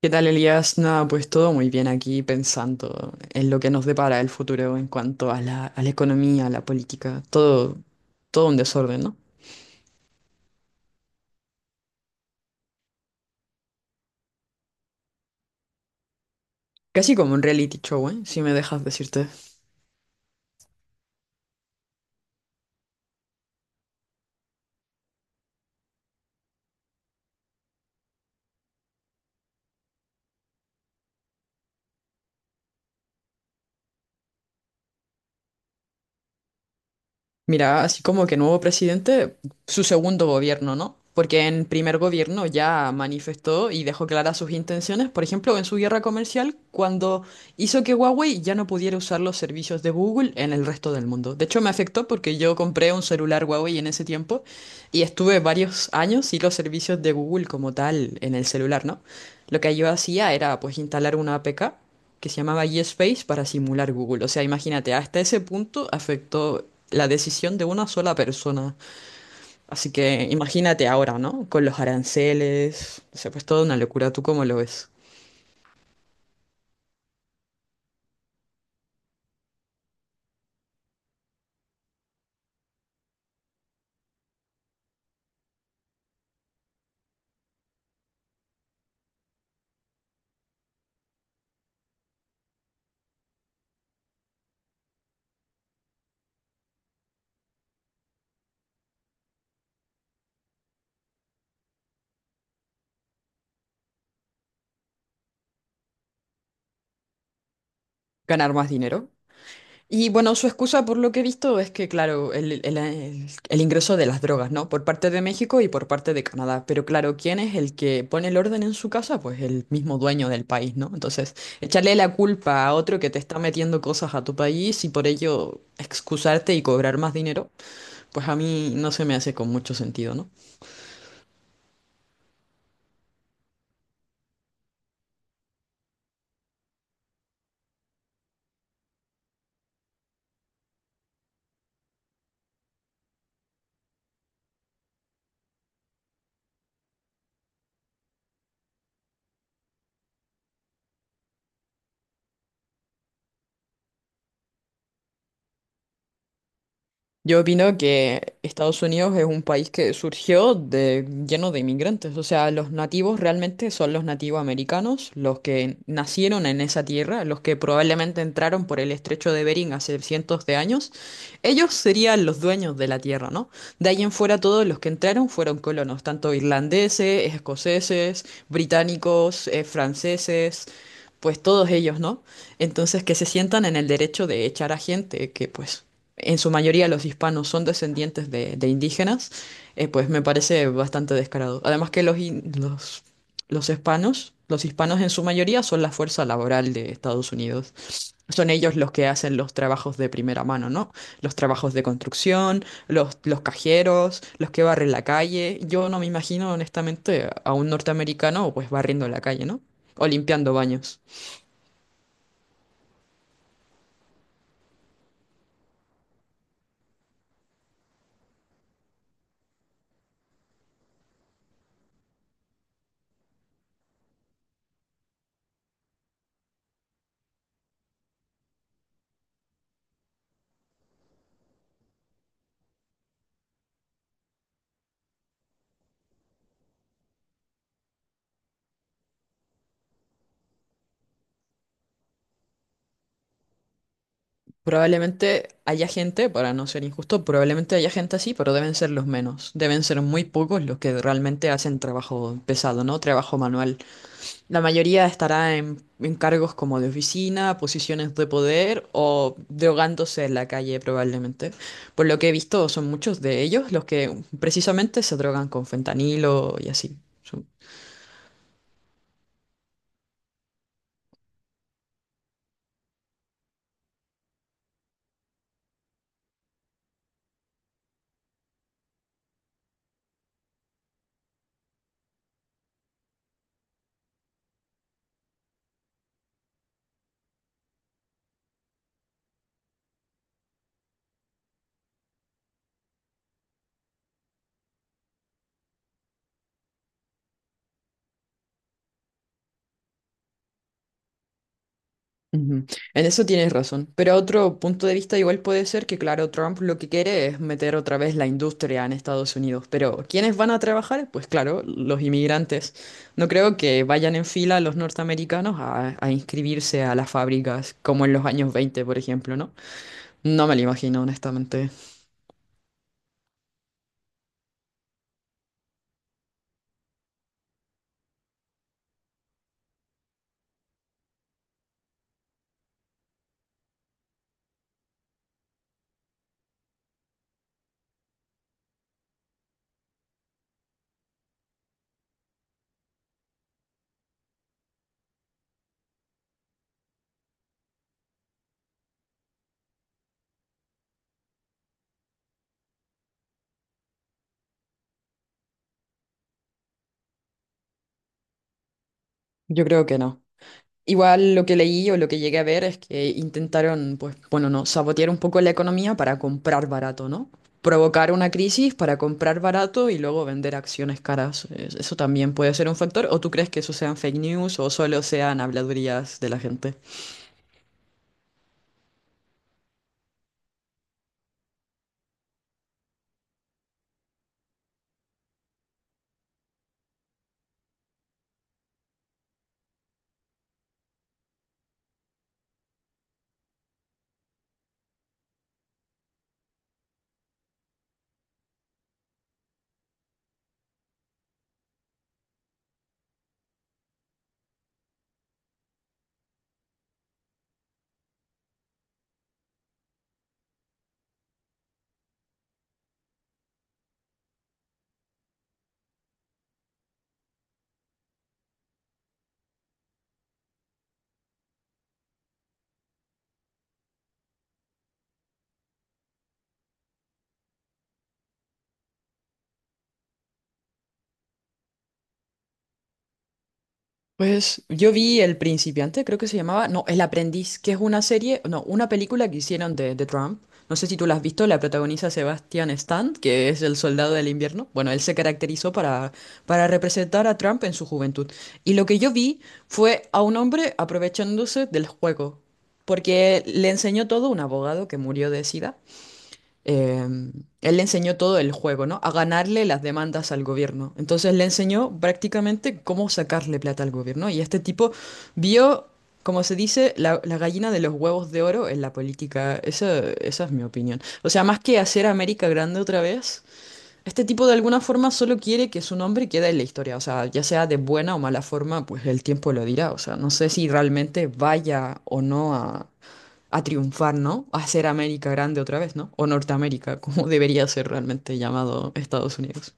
¿Qué tal, Elías? Nada, pues todo muy bien aquí pensando en lo que nos depara el futuro en cuanto a la economía, a la política, todo un desorden, ¿no? Casi como un reality show, ¿eh? Si me dejas decirte. Mira, así como que nuevo presidente, su segundo gobierno, ¿no? Porque en primer gobierno ya manifestó y dejó claras sus intenciones, por ejemplo, en su guerra comercial, cuando hizo que Huawei ya no pudiera usar los servicios de Google en el resto del mundo. De hecho, me afectó porque yo compré un celular Huawei en ese tiempo y estuve varios años sin los servicios de Google como tal en el celular, ¿no? Lo que yo hacía era pues instalar una APK que se llamaba YesSpace para simular Google. O sea, imagínate, hasta ese punto afectó la decisión de una sola persona. Así que imagínate ahora, ¿no? Con los aranceles, se ha puesto una locura. ¿Tú cómo lo ves? ¿Ganar más dinero? Y bueno, su excusa por lo que he visto es que, claro, el ingreso de las drogas, ¿no? Por parte de México y por parte de Canadá. Pero claro, ¿quién es el que pone el orden en su casa? Pues el mismo dueño del país, ¿no? Entonces, echarle la culpa a otro que te está metiendo cosas a tu país y por ello excusarte y cobrar más dinero, pues a mí no se me hace con mucho sentido, ¿no? Yo opino que Estados Unidos es un país que surgió de, lleno de inmigrantes. O sea, los nativos realmente son los nativos americanos, los que nacieron en esa tierra, los que probablemente entraron por el estrecho de Bering hace cientos de años. Ellos serían los dueños de la tierra, ¿no? De ahí en fuera todos los que entraron fueron colonos, tanto irlandeses, escoceses, británicos, franceses, pues todos ellos, ¿no? Entonces, que se sientan en el derecho de echar a gente que, pues, en su mayoría los hispanos son descendientes de indígenas, pues me parece bastante descarado. Además que los hispanos en su mayoría son la fuerza laboral de Estados Unidos. Son ellos los que hacen los trabajos de primera mano, ¿no? Los trabajos de construcción, los cajeros, los que barren la calle. Yo no me imagino, honestamente, a un norteamericano pues barriendo la calle, ¿no? O limpiando baños. Probablemente haya gente, para no ser injusto, probablemente haya gente así, pero deben ser los menos. Deben ser muy pocos los que realmente hacen trabajo pesado, ¿no? Trabajo manual. La mayoría estará en cargos como de oficina, posiciones de poder o drogándose en la calle, probablemente. Por lo que he visto, son muchos de ellos los que precisamente se drogan con fentanilo y así. Ujú. En eso tienes razón, pero otro punto de vista igual puede ser que, claro, Trump lo que quiere es meter otra vez la industria en Estados Unidos, pero ¿quiénes van a trabajar? Pues claro, los inmigrantes. No creo que vayan en fila los norteamericanos a inscribirse a las fábricas como en los años 20, por ejemplo, ¿no? No me lo imagino, honestamente. Yo creo que no. Igual lo que leí o lo que llegué a ver es que intentaron, pues, bueno, no, sabotear un poco la economía para comprar barato, ¿no? Provocar una crisis para comprar barato y luego vender acciones caras. Eso también puede ser un factor. ¿O tú crees que eso sean fake news o solo sean habladurías de la gente? Pues yo vi El Principiante, creo que se llamaba, no, El Aprendiz, que es una serie, no, una película que hicieron de Trump. No sé si tú la has visto, la protagoniza Sebastian Stan, que es el soldado del invierno. Bueno, él se caracterizó para representar a Trump en su juventud. Y lo que yo vi fue a un hombre aprovechándose del juego, porque le enseñó todo un abogado que murió de SIDA, eh, él le enseñó todo el juego, ¿no? A ganarle las demandas al gobierno. Entonces le enseñó prácticamente cómo sacarle plata al gobierno. Y este tipo vio, como se dice, la gallina de los huevos de oro en la política. Esa es mi opinión. O sea, más que hacer América grande otra vez. Este tipo de alguna forma solo quiere que su nombre quede en la historia, o sea, ya sea de buena o mala forma, pues el tiempo lo dirá, o sea, no sé si realmente vaya o no a triunfar, ¿no? A ser América grande otra vez, ¿no? O Norteamérica, como debería ser realmente llamado Estados Unidos.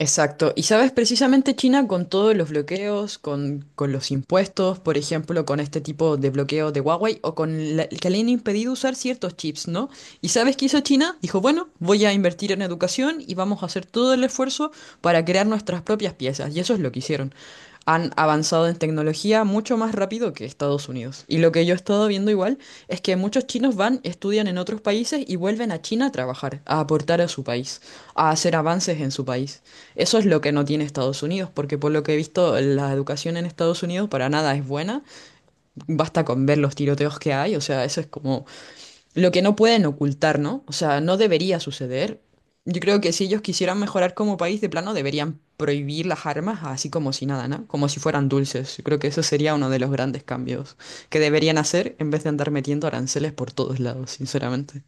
Exacto, y sabes, precisamente China con todos los bloqueos, con los impuestos, por ejemplo, con este tipo de bloqueo de Huawei o con que le han impedido usar ciertos chips, ¿no? ¿Y sabes qué hizo China? Dijo, bueno, voy a invertir en educación y vamos a hacer todo el esfuerzo para crear nuestras propias piezas. Y eso es lo que hicieron. Han avanzado en tecnología mucho más rápido que Estados Unidos. Y lo que yo he estado viendo igual es que muchos chinos van, estudian en otros países y vuelven a China a trabajar, a aportar a su país, a hacer avances en su país. Eso es lo que no tiene Estados Unidos, porque por lo que he visto, la educación en Estados Unidos para nada es buena. Basta con ver los tiroteos que hay, o sea, eso es como lo que no pueden ocultar, ¿no? O sea, no debería suceder. Yo creo que si ellos quisieran mejorar como país de plano, deberían prohibir las armas así como si nada, ¿no? Como si fueran dulces. Yo creo que eso sería uno de los grandes cambios que deberían hacer en vez de andar metiendo aranceles por todos lados, sinceramente.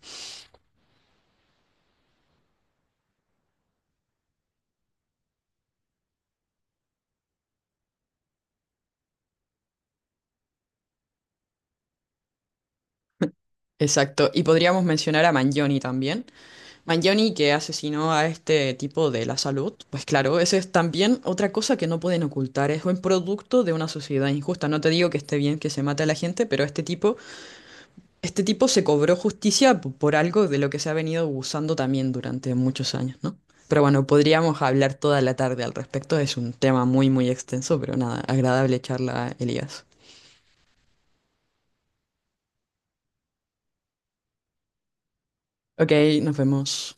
Exacto. Y podríamos mencionar a Mangione también. Mangione que asesinó a este tipo de la salud. Pues claro, esa es también otra cosa que no pueden ocultar. Es un producto de una sociedad injusta. No te digo que esté bien que se mate a la gente, pero este tipo este tipo se cobró justicia por algo de lo que se ha venido abusando también durante muchos años, ¿no? Pero bueno, podríamos hablar toda la tarde al respecto. Es un tema muy extenso, pero nada, agradable charla, Elías. Ok, nos vemos.